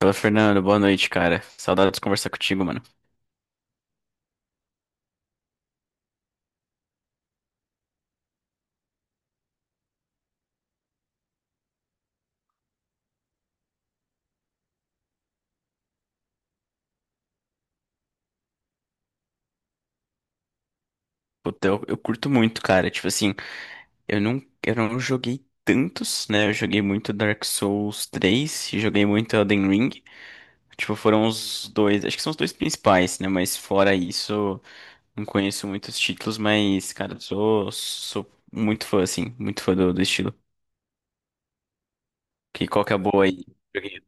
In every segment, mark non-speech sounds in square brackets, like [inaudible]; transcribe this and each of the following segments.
Fala, Fernando, boa noite, cara. Saudade de conversar contigo, mano. Puta, eu curto muito, cara. Tipo assim, eu não joguei tantos, né? Eu joguei muito Dark Souls 3, e joguei muito Elden Ring. Tipo, foram os dois, acho que são os dois principais, né? Mas fora isso, não conheço muitos títulos, mas, cara, sou muito fã, assim, muito fã do estilo. Que qual que é a boa aí? Joguei.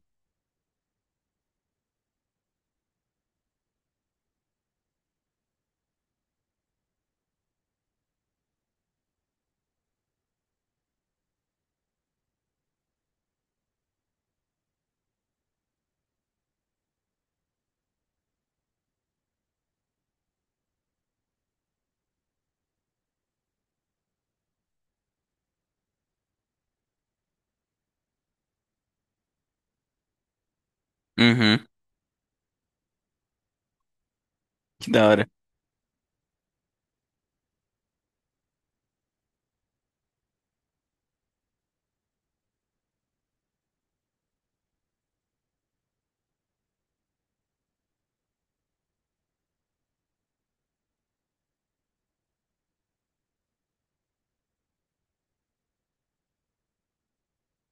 Uhum, que da hora,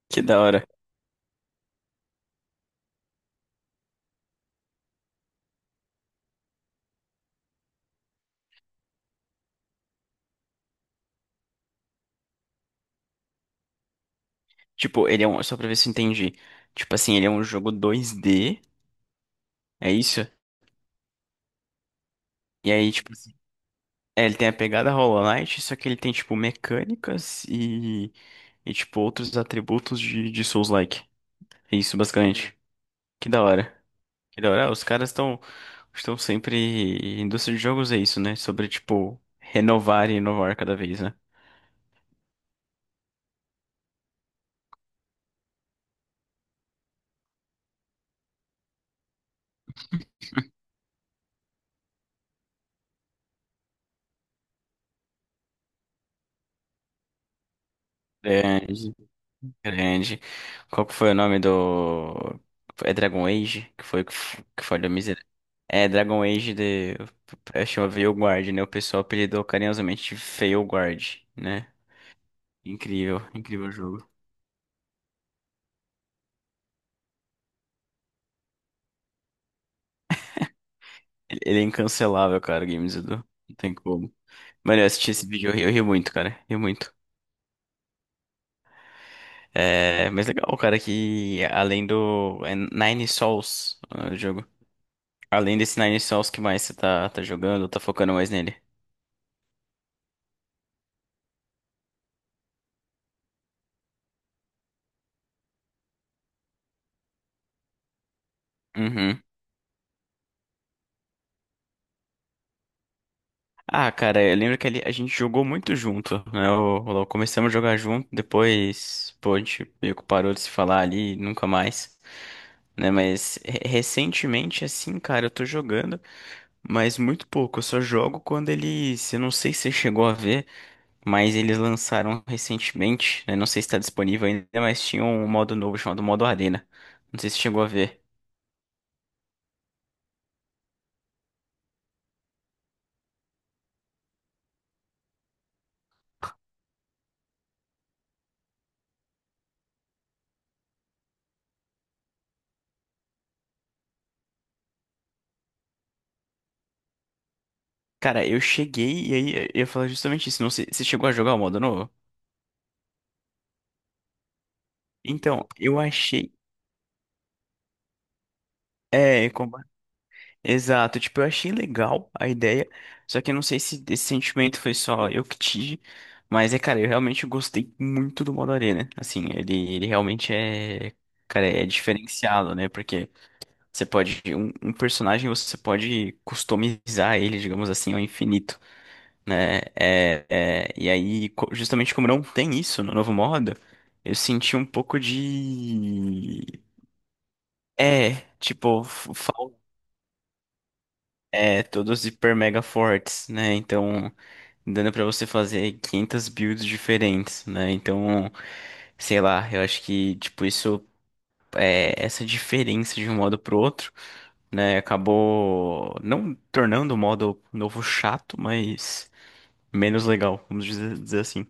que da hora. Tipo, só pra ver se eu entendi. Tipo assim, ele é um jogo 2D. É isso? E aí, tipo assim, é, ele tem a pegada Hollow Knight, só que ele tem, tipo, mecânicas e tipo, outros atributos de Souls-like. É isso, basicamente. Que da hora. Que da hora. Ah, os caras estão sempre. Indústria de jogos é isso, né? Sobre, tipo, renovar e inovar cada vez, né? Grande, grande. Qual que foi o nome do. É Dragon Age? Que foi que falhou miserável. É Dragon Age de. Eu chamo Veilguard, né? O pessoal apelidou carinhosamente de Veilguard, né? Incrível, incrível o jogo. Ele é incancelável, cara, o Games Edu. Não tem como. Mano, eu assisti esse vídeo, eu ri muito, cara. Ri muito. É, mas legal, cara, que além do é Nine Sols, ah, o jogo. Além desse Nine Sols, que mais você tá jogando, tá focando mais nele? Uhum. Ah, cara, eu lembro que ali a gente jogou muito junto, né? Começamos a jogar junto, depois, pô, a gente meio que parou de se falar ali, nunca mais, né? Mas recentemente, assim, cara, eu tô jogando. Mas muito pouco, eu só jogo quando eles. Eu não sei se você chegou a ver, mas eles lançaram recentemente, né? Não sei se está disponível ainda, mas tinha um modo novo chamado modo Arena. Não sei se você chegou a ver. Cara, eu cheguei e aí eu ia falar justamente isso. Não sei, você chegou a jogar o modo novo? Então, eu achei. É, exato, tipo, eu achei legal a ideia, só que eu não sei se esse sentimento foi só eu que tive, mas é, cara, eu realmente gostei muito do modo arena, assim, ele realmente é, cara, é diferenciado, né, porque você pode, um personagem você pode customizar ele, digamos assim, ao infinito, né, e aí, justamente como não tem isso no novo modo, eu senti um pouco de. É, tipo, falta. É, todos hiper mega fortes, né? Então, dando pra você fazer 500 builds diferentes, né? Então, sei lá, eu acho que, tipo, isso, é, essa diferença de um modo pro outro, né? Acabou não tornando o modo novo chato, mas menos legal, vamos dizer assim.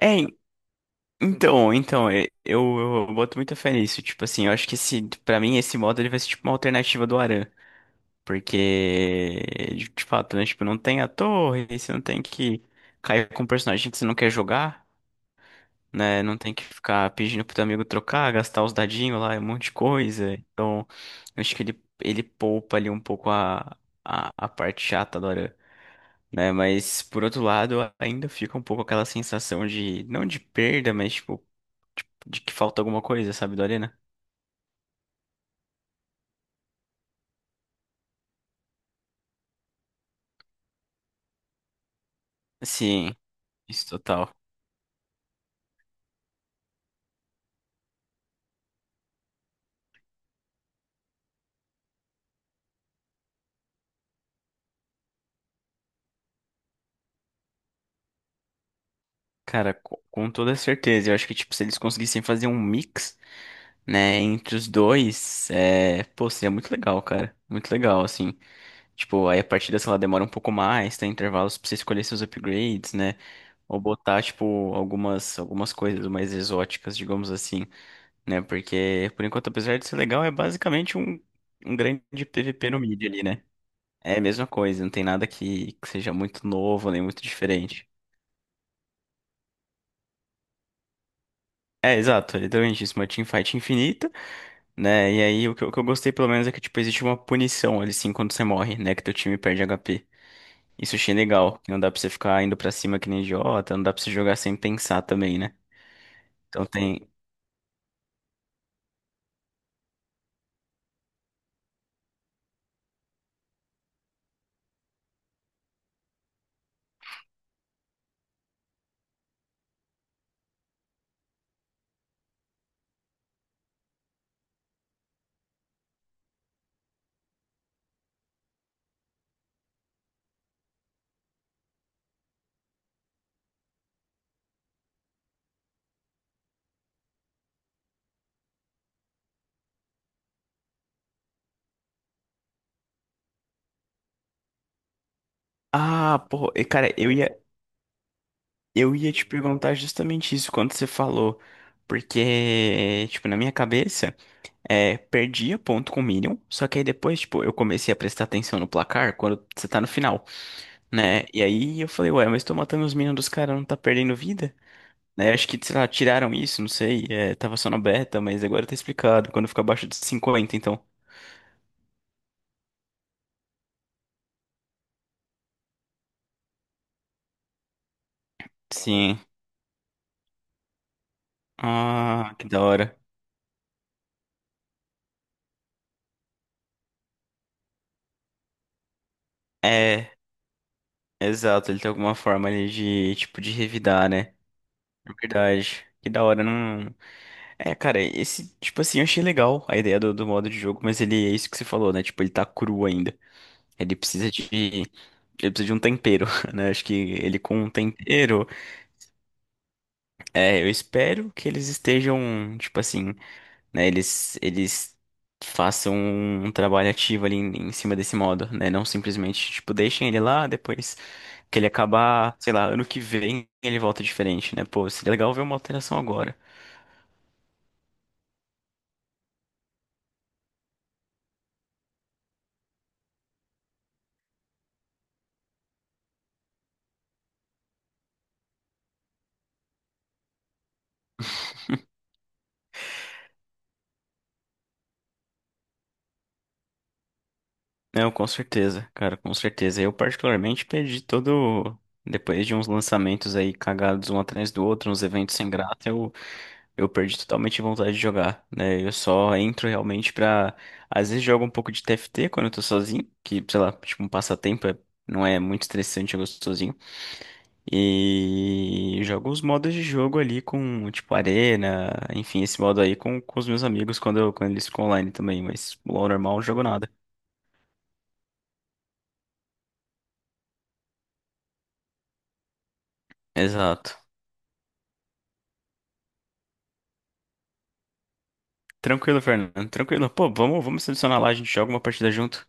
É, então, eu boto muita fé nisso. Tipo assim, eu acho que esse, pra mim, esse modo ele vai ser tipo uma alternativa do Aran. Porque, de fato, né? Tipo, não tem a torre, você não tem que cair com um personagem que você não quer jogar, né? Não tem que ficar pedindo pro teu amigo trocar, gastar os dadinhos lá, um monte de coisa. Então, eu acho que ele poupa ali um pouco a parte chata do Aran, né? Mas, por outro lado, ainda fica um pouco aquela sensação de, não de perda, mas, tipo, de que falta alguma coisa, sabe, do Arena? Sim, isso total. Cara, com toda certeza, eu acho que, tipo, se eles conseguissem fazer um mix né, entre os dois, é, pô, seria muito legal, cara. Muito legal, assim. Tipo, aí a partida, sei lá, demora um pouco mais, tem intervalos pra você escolher seus upgrades, né? Ou botar, tipo, algumas coisas mais exóticas, digamos assim, né? Porque, por enquanto, apesar de ser legal, é basicamente um, grande PVP no mid ali, né? É a mesma coisa, não tem nada que, seja muito novo nem muito diferente. É, exato, é literalmente isso, uma teamfight infinita. Né? E aí o que eu gostei pelo menos é que tipo existe uma punição ali sim quando você morre, né? Que teu time perde HP. Isso achei legal. Que não dá pra você ficar indo pra cima que nem idiota, não dá pra você jogar sem pensar também, né? Então tem. Ah, pô, e, cara, eu ia te perguntar justamente isso quando você falou. Porque, tipo, na minha cabeça, é, perdia ponto com o Minion, só que aí depois, tipo, eu comecei a prestar atenção no placar quando você tá no final, né? E aí eu falei, ué, mas tô matando os Minions dos caras, não tá perdendo vida? Né? Acho que, sei lá, tiraram isso, não sei. É, tava só na beta, mas agora tá explicado. Quando fica abaixo de 50, então. Sim. Ah, que da hora. É, exato. Ele tem alguma forma ali de, tipo, de revidar, né? É verdade. Que da hora, não. É, cara, esse, tipo assim, eu achei legal a ideia do, do modo de jogo, mas ele é isso que você falou, né? Tipo, ele tá cru ainda. Ele precisa de. Ele precisa de um tempero, [laughs] né? Acho que ele com um tempero. É, eu espero que eles estejam, tipo assim. Né, eles façam um trabalho ativo ali em, cima desse modo, né? Não simplesmente, tipo, deixem ele lá, depois que ele acabar, sei lá, ano que vem ele volta diferente, né? Pô, seria legal ver uma alteração agora. Não, com certeza, cara, com certeza. Eu particularmente perdi todo. Depois de uns lançamentos aí cagados um atrás do outro, uns eventos sem graça, eu perdi totalmente a vontade de jogar, né? Eu só entro realmente pra. Às vezes jogo um pouco de TFT quando eu tô sozinho, que, sei lá, tipo um passatempo, não é muito estressante jogar sozinho. E jogo os modos de jogo ali com, tipo, arena, enfim, esse modo aí com, os meus amigos quando, quando eles ficam online também, mas LoL normal, eu não jogo nada. Exato. Tranquilo, Fernando. Tranquilo. Pô, vamos selecionar lá, a gente joga uma partida junto.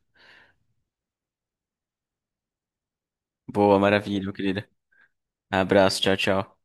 Boa, maravilha, meu querido. Abraço, tchau, tchau.